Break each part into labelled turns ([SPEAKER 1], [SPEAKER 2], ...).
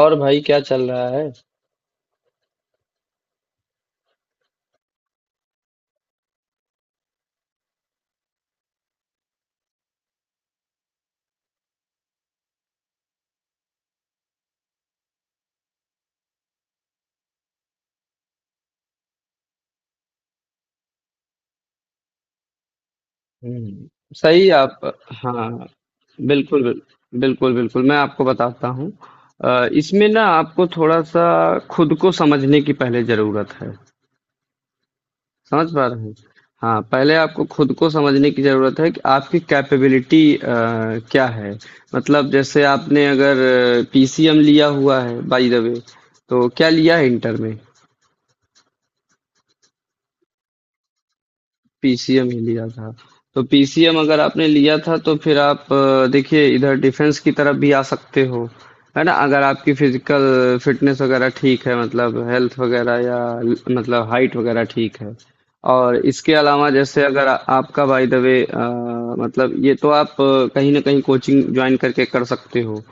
[SPEAKER 1] और भाई क्या चल रहा है? हम्म। सही आप। हाँ। बिल्कुल बिल्कुल बिल्कुल मैं आपको बताता हूँ। इसमें ना आपको थोड़ा सा खुद को समझने की पहले जरूरत है। समझ पा रहे हैं? हाँ, पहले आपको खुद को समझने की जरूरत है कि आपकी कैपेबिलिटी क्या है। मतलब जैसे आपने अगर पीसीएम लिया हुआ है बाय द वे, तो क्या लिया है इंटर में? पीसीएम ही लिया था। तो पीसीएम अगर आपने लिया था तो फिर आप देखिए इधर डिफेंस की तरफ भी आ सकते हो, है ना? अगर आपकी फिजिकल फिटनेस वगैरह ठीक है मतलब हेल्थ वगैरह या मतलब हाइट वगैरह ठीक है। और इसके अलावा जैसे अगर आपका बाय द वे मतलब ये तो आप कहीं ना कहीं कोचिंग ज्वाइन करके कर सकते हो।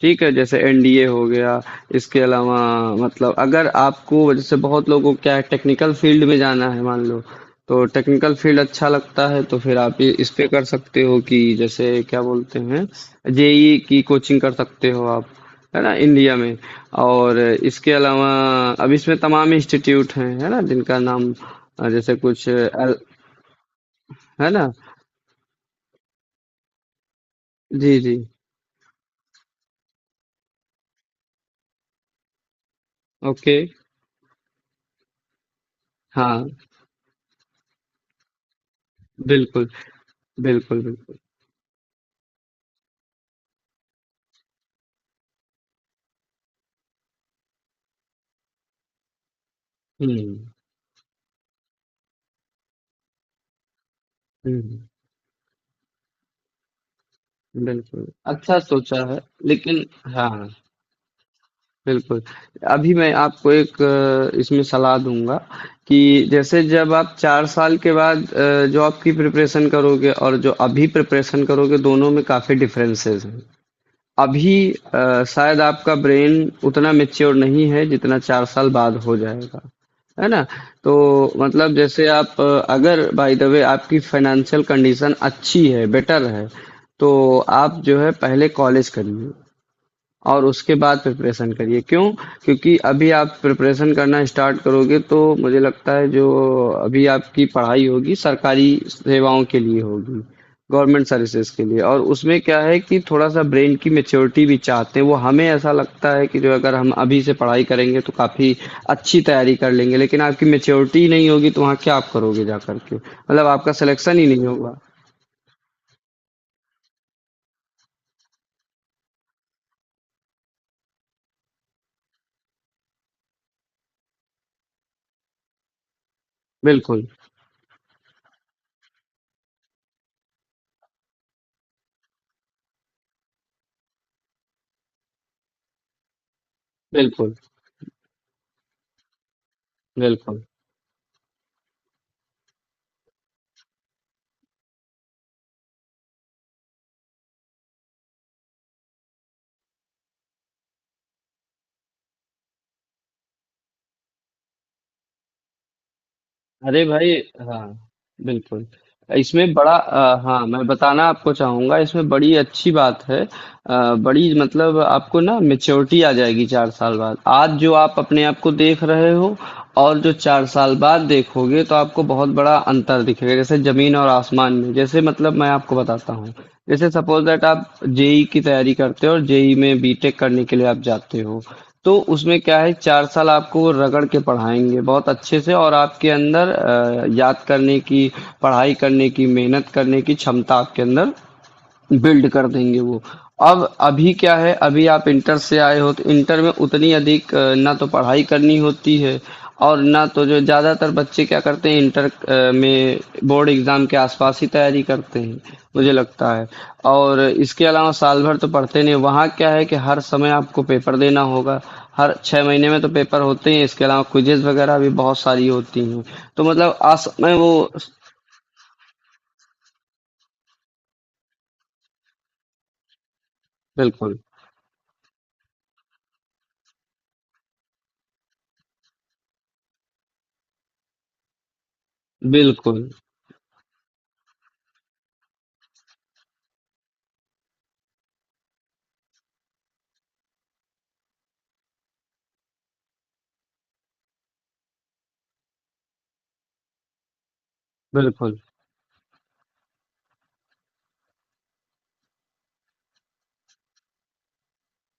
[SPEAKER 1] ठीक है जैसे एनडीए हो गया। इसके अलावा मतलब अगर आपको जैसे बहुत लोगों को क्या है टेक्निकल फील्ड में जाना है मान लो, तो टेक्निकल फील्ड अच्छा लगता है तो फिर आप ये इस पे कर सकते हो कि जैसे क्या बोलते हैं जेई की कोचिंग कर सकते हो आप, है ना, इंडिया में। और इसके अलावा अब इसमें तमाम इंस्टीट्यूट हैं, है ना, जिनका नाम जैसे कुछ अल, है ना। जी जी। ओके। हाँ, बिल्कुल बिल्कुल बिल्कुल। हम्म। हम्म। बिल्कुल, अच्छा सोचा है लेकिन। हाँ, बिल्कुल। अभी मैं आपको एक इसमें सलाह दूँगा कि जैसे जब आप 4 साल के बाद जो आपकी प्रिपरेशन करोगे और जो अभी प्रिपरेशन करोगे, दोनों में काफ़ी डिफरेंसेस हैं। अभी शायद आपका ब्रेन उतना मैच्योर नहीं है जितना चार साल बाद हो जाएगा, है ना। तो मतलब जैसे आप अगर बाय द वे आपकी फाइनेंशियल कंडीशन अच्छी है बेटर है, तो आप जो है पहले कॉलेज करिए और उसके बाद प्रिपरेशन करिए क्यों, क्योंकि अभी आप प्रिपरेशन करना स्टार्ट करोगे तो मुझे लगता है जो अभी आपकी पढ़ाई होगी सरकारी सेवाओं के लिए होगी, गवर्नमेंट सर्विसेज के लिए, और उसमें क्या है कि थोड़ा सा ब्रेन की मेच्योरिटी भी चाहते हैं वो। हमें ऐसा लगता है कि जो अगर हम अभी से पढ़ाई करेंगे तो काफ़ी अच्छी तैयारी कर लेंगे लेकिन आपकी मेच्योरिटी नहीं होगी तो वहाँ क्या आप करोगे जा करके, मतलब आपका सिलेक्शन ही नहीं होगा। बिल्कुल बिल्कुल बिल्कुल। अरे भाई, हाँ, बिल्कुल। इसमें बड़ा हाँ मैं बताना आपको चाहूंगा, इसमें बड़ी अच्छी बात है बड़ी मतलब आपको ना मेच्योरिटी आ जाएगी चार साल बाद। आज जो आप अपने आप को देख रहे हो और जो चार साल बाद देखोगे तो आपको बहुत बड़ा अंतर दिखेगा, जैसे जमीन और आसमान में। जैसे मतलब मैं आपको बताता हूँ, जैसे सपोज दैट आप जेई की तैयारी करते हो और जेई में बीटेक करने के लिए आप जाते हो, तो उसमें क्या है 4 साल आपको वो रगड़ के पढ़ाएँगे बहुत अच्छे से और आपके अंदर याद करने की, पढ़ाई करने की, मेहनत करने की क्षमता आपके अंदर बिल्ड कर देंगे वो। अब अभी क्या है, अभी आप इंटर से आए हो तो इंटर में उतनी अधिक ना तो पढ़ाई करनी होती है और ना तो जो, ज़्यादातर बच्चे क्या करते हैं इंटर में बोर्ड एग्ज़ाम के आसपास ही तैयारी करते हैं, मुझे लगता है। और इसके अलावा साल भर तो पढ़ते नहीं, वहाँ क्या है कि हर समय आपको पेपर देना होगा, हर छः महीने में तो पेपर होते हैं, इसके अलावा क्विजेज वगैरह भी बहुत सारी होती हैं। तो मतलब आस में वो। बिल्कुल बिल्कुल बिल्कुल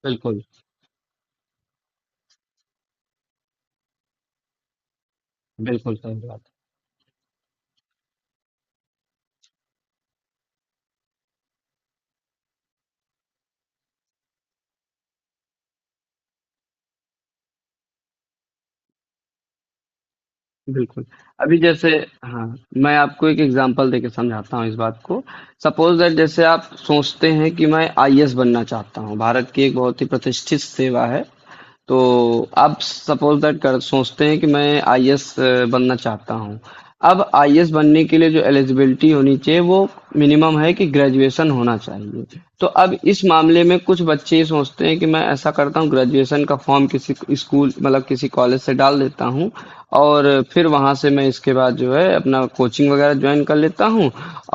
[SPEAKER 1] बिल्कुल। बिल्कुल, सही बात है। बिल्कुल। अभी जैसे, हाँ, मैं आपको एक एग्ज़ाम्पल देके समझाता हूँ इस बात को। सपोज़ दैट जैसे आप सोचते हैं कि मैं आईएएस बनना चाहता हूँ, भारत की एक बहुत ही प्रतिष्ठित सेवा है। तो आप सपोज़ दैट कर सोचते हैं कि मैं आईएएस बनना चाहता हूँ। अब आईएएस बनने के लिए जो एलिजिबिलिटी होनी चाहिए वो मिनिमम है कि ग्रेजुएशन होना चाहिए। तो अब इस मामले में कुछ बच्चे ये सोचते हैं कि मैं ऐसा करता हूँ, ग्रेजुएशन का फ़ॉर्म किसी स्कूल मतलब किसी कॉलेज से डाल देता हूँ और फिर वहाँ से मैं इसके बाद जो है अपना कोचिंग वगैरह ज्वाइन कर लेता हूँ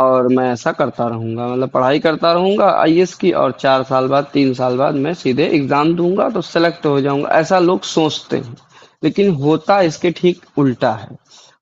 [SPEAKER 1] और मैं ऐसा करता रहूँगा, मतलब पढ़ाई करता रहूँगा आईएएस की, और चार साल बाद तीन साल बाद मैं सीधे एग्ज़ाम दूंगा तो सेलेक्ट हो जाऊँगा, ऐसा लोग सोचते हैं। लेकिन होता इसके ठीक उल्टा है।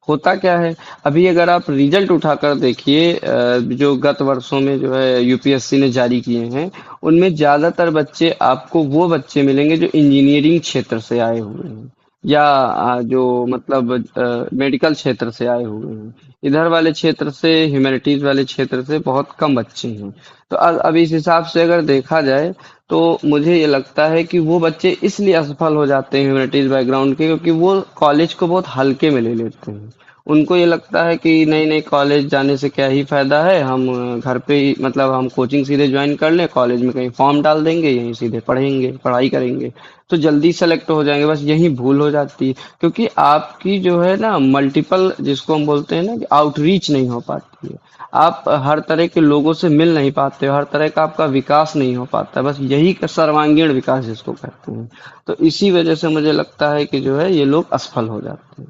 [SPEAKER 1] होता क्या है, अभी अगर आप रिजल्ट उठाकर देखिए जो गत वर्षों में जो है यूपीएससी ने जारी किए हैं, उनमें ज़्यादातर बच्चे आपको वो बच्चे मिलेंगे जो इंजीनियरिंग क्षेत्र से आए हुए हैं। या जो मतलब मेडिकल क्षेत्र से आए हुए हैं। इधर वाले क्षेत्र से, ह्यूमैनिटीज वाले क्षेत्र से बहुत कम बच्चे हैं। तो अब इस हिसाब से अगर देखा जाए तो मुझे ये लगता है कि वो बच्चे इसलिए असफल हो जाते हैं ह्यूमैनिटीज बैकग्राउंड के, क्योंकि वो कॉलेज को बहुत हल्के में ले लेते हैं। उनको ये लगता है कि नहीं नहीं, कॉलेज जाने से क्या ही फायदा है, हम घर पे ही मतलब हम कोचिंग सीधे ज्वाइन कर लें, कॉलेज में कहीं फॉर्म डाल देंगे यहीं सीधे पढ़ेंगे पढ़ाई करेंगे तो जल्दी सेलेक्ट हो जाएंगे, बस यही भूल हो जाती है। क्योंकि आपकी जो है ना मल्टीपल जिसको हम बोलते हैं ना कि आउटरीच नहीं हो पाती है, आप हर तरह के लोगों से मिल नहीं पाते हो, हर तरह का आपका विकास नहीं हो पाता, बस यही का सर्वांगीण विकास जिसको कहते हैं। तो इसी वजह से मुझे लगता है कि जो है ये लोग असफल हो जाते हैं।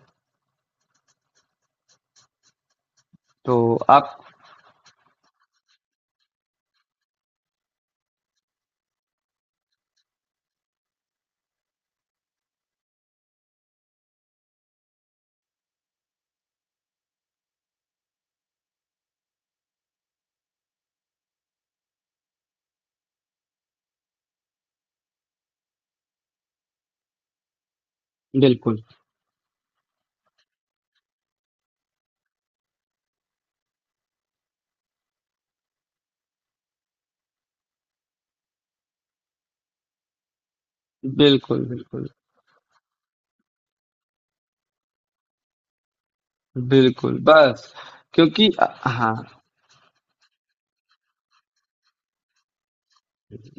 [SPEAKER 1] तो आप। बिल्कुल, बिल्कुल, बिल्कुल, बिल्कुल, बस क्योंकि हाँ,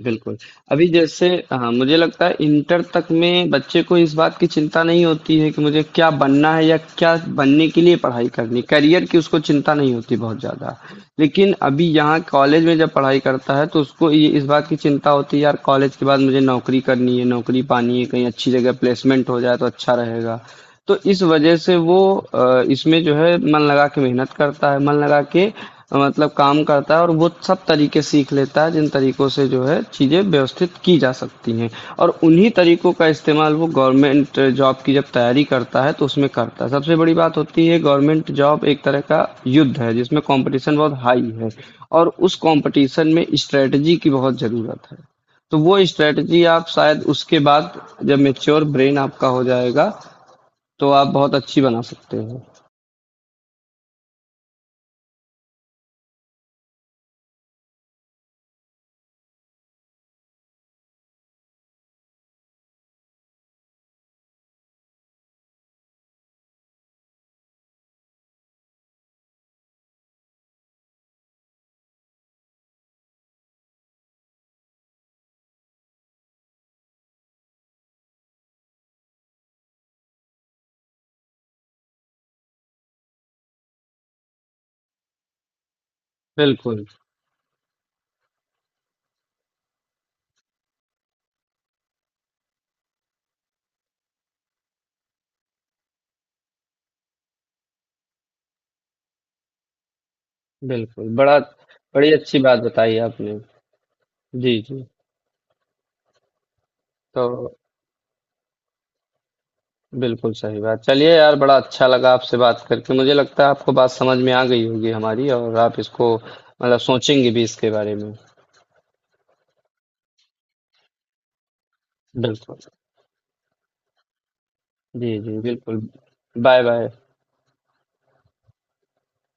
[SPEAKER 1] बिल्कुल। अभी जैसे, हाँ, मुझे लगता है इंटर तक में बच्चे को इस बात की चिंता नहीं होती है कि मुझे क्या बनना है या क्या बनने के लिए पढ़ाई करनी है, करियर की उसको चिंता नहीं होती बहुत ज़्यादा। लेकिन अभी यहाँ कॉलेज में जब पढ़ाई करता है तो उसको ये इस बात की चिंता होती है यार कॉलेज के बाद मुझे नौकरी करनी है, नौकरी पानी है, कहीं अच्छी जगह प्लेसमेंट हो जाए तो अच्छा रहेगा। तो इस वजह से वो इसमें जो है मन लगा के मेहनत करता है, मन लगा के मतलब काम करता है, और वो सब तरीके सीख लेता है जिन तरीकों से जो है चीज़ें व्यवस्थित की जा सकती हैं, और उन्हीं तरीकों का इस्तेमाल वो गवर्नमेंट जॉब की जब तैयारी करता है तो उसमें करता है। सबसे बड़ी बात होती है, गवर्नमेंट जॉब एक तरह का युद्ध है जिसमें कंपटीशन बहुत हाई है और उस कंपटीशन में स्ट्रेटजी की बहुत ज़रूरत है। तो वो स्ट्रेटजी आप शायद उसके बाद, जब मेच्योर ब्रेन आपका हो जाएगा, तो आप बहुत अच्छी बना सकते हो। बिल्कुल, बिल्कुल। बड़ा बड़ी अच्छी बात बताई आपने। जी, जी। तो बिल्कुल सही बात। चलिए यार, बड़ा अच्छा लगा आपसे बात करके। मुझे लगता है आपको बात समझ में आ गई होगी हमारी और आप इसको मतलब सोचेंगे भी इसके बारे में। बिल्कुल। जी, जी, बिल्कुल। Bye, bye.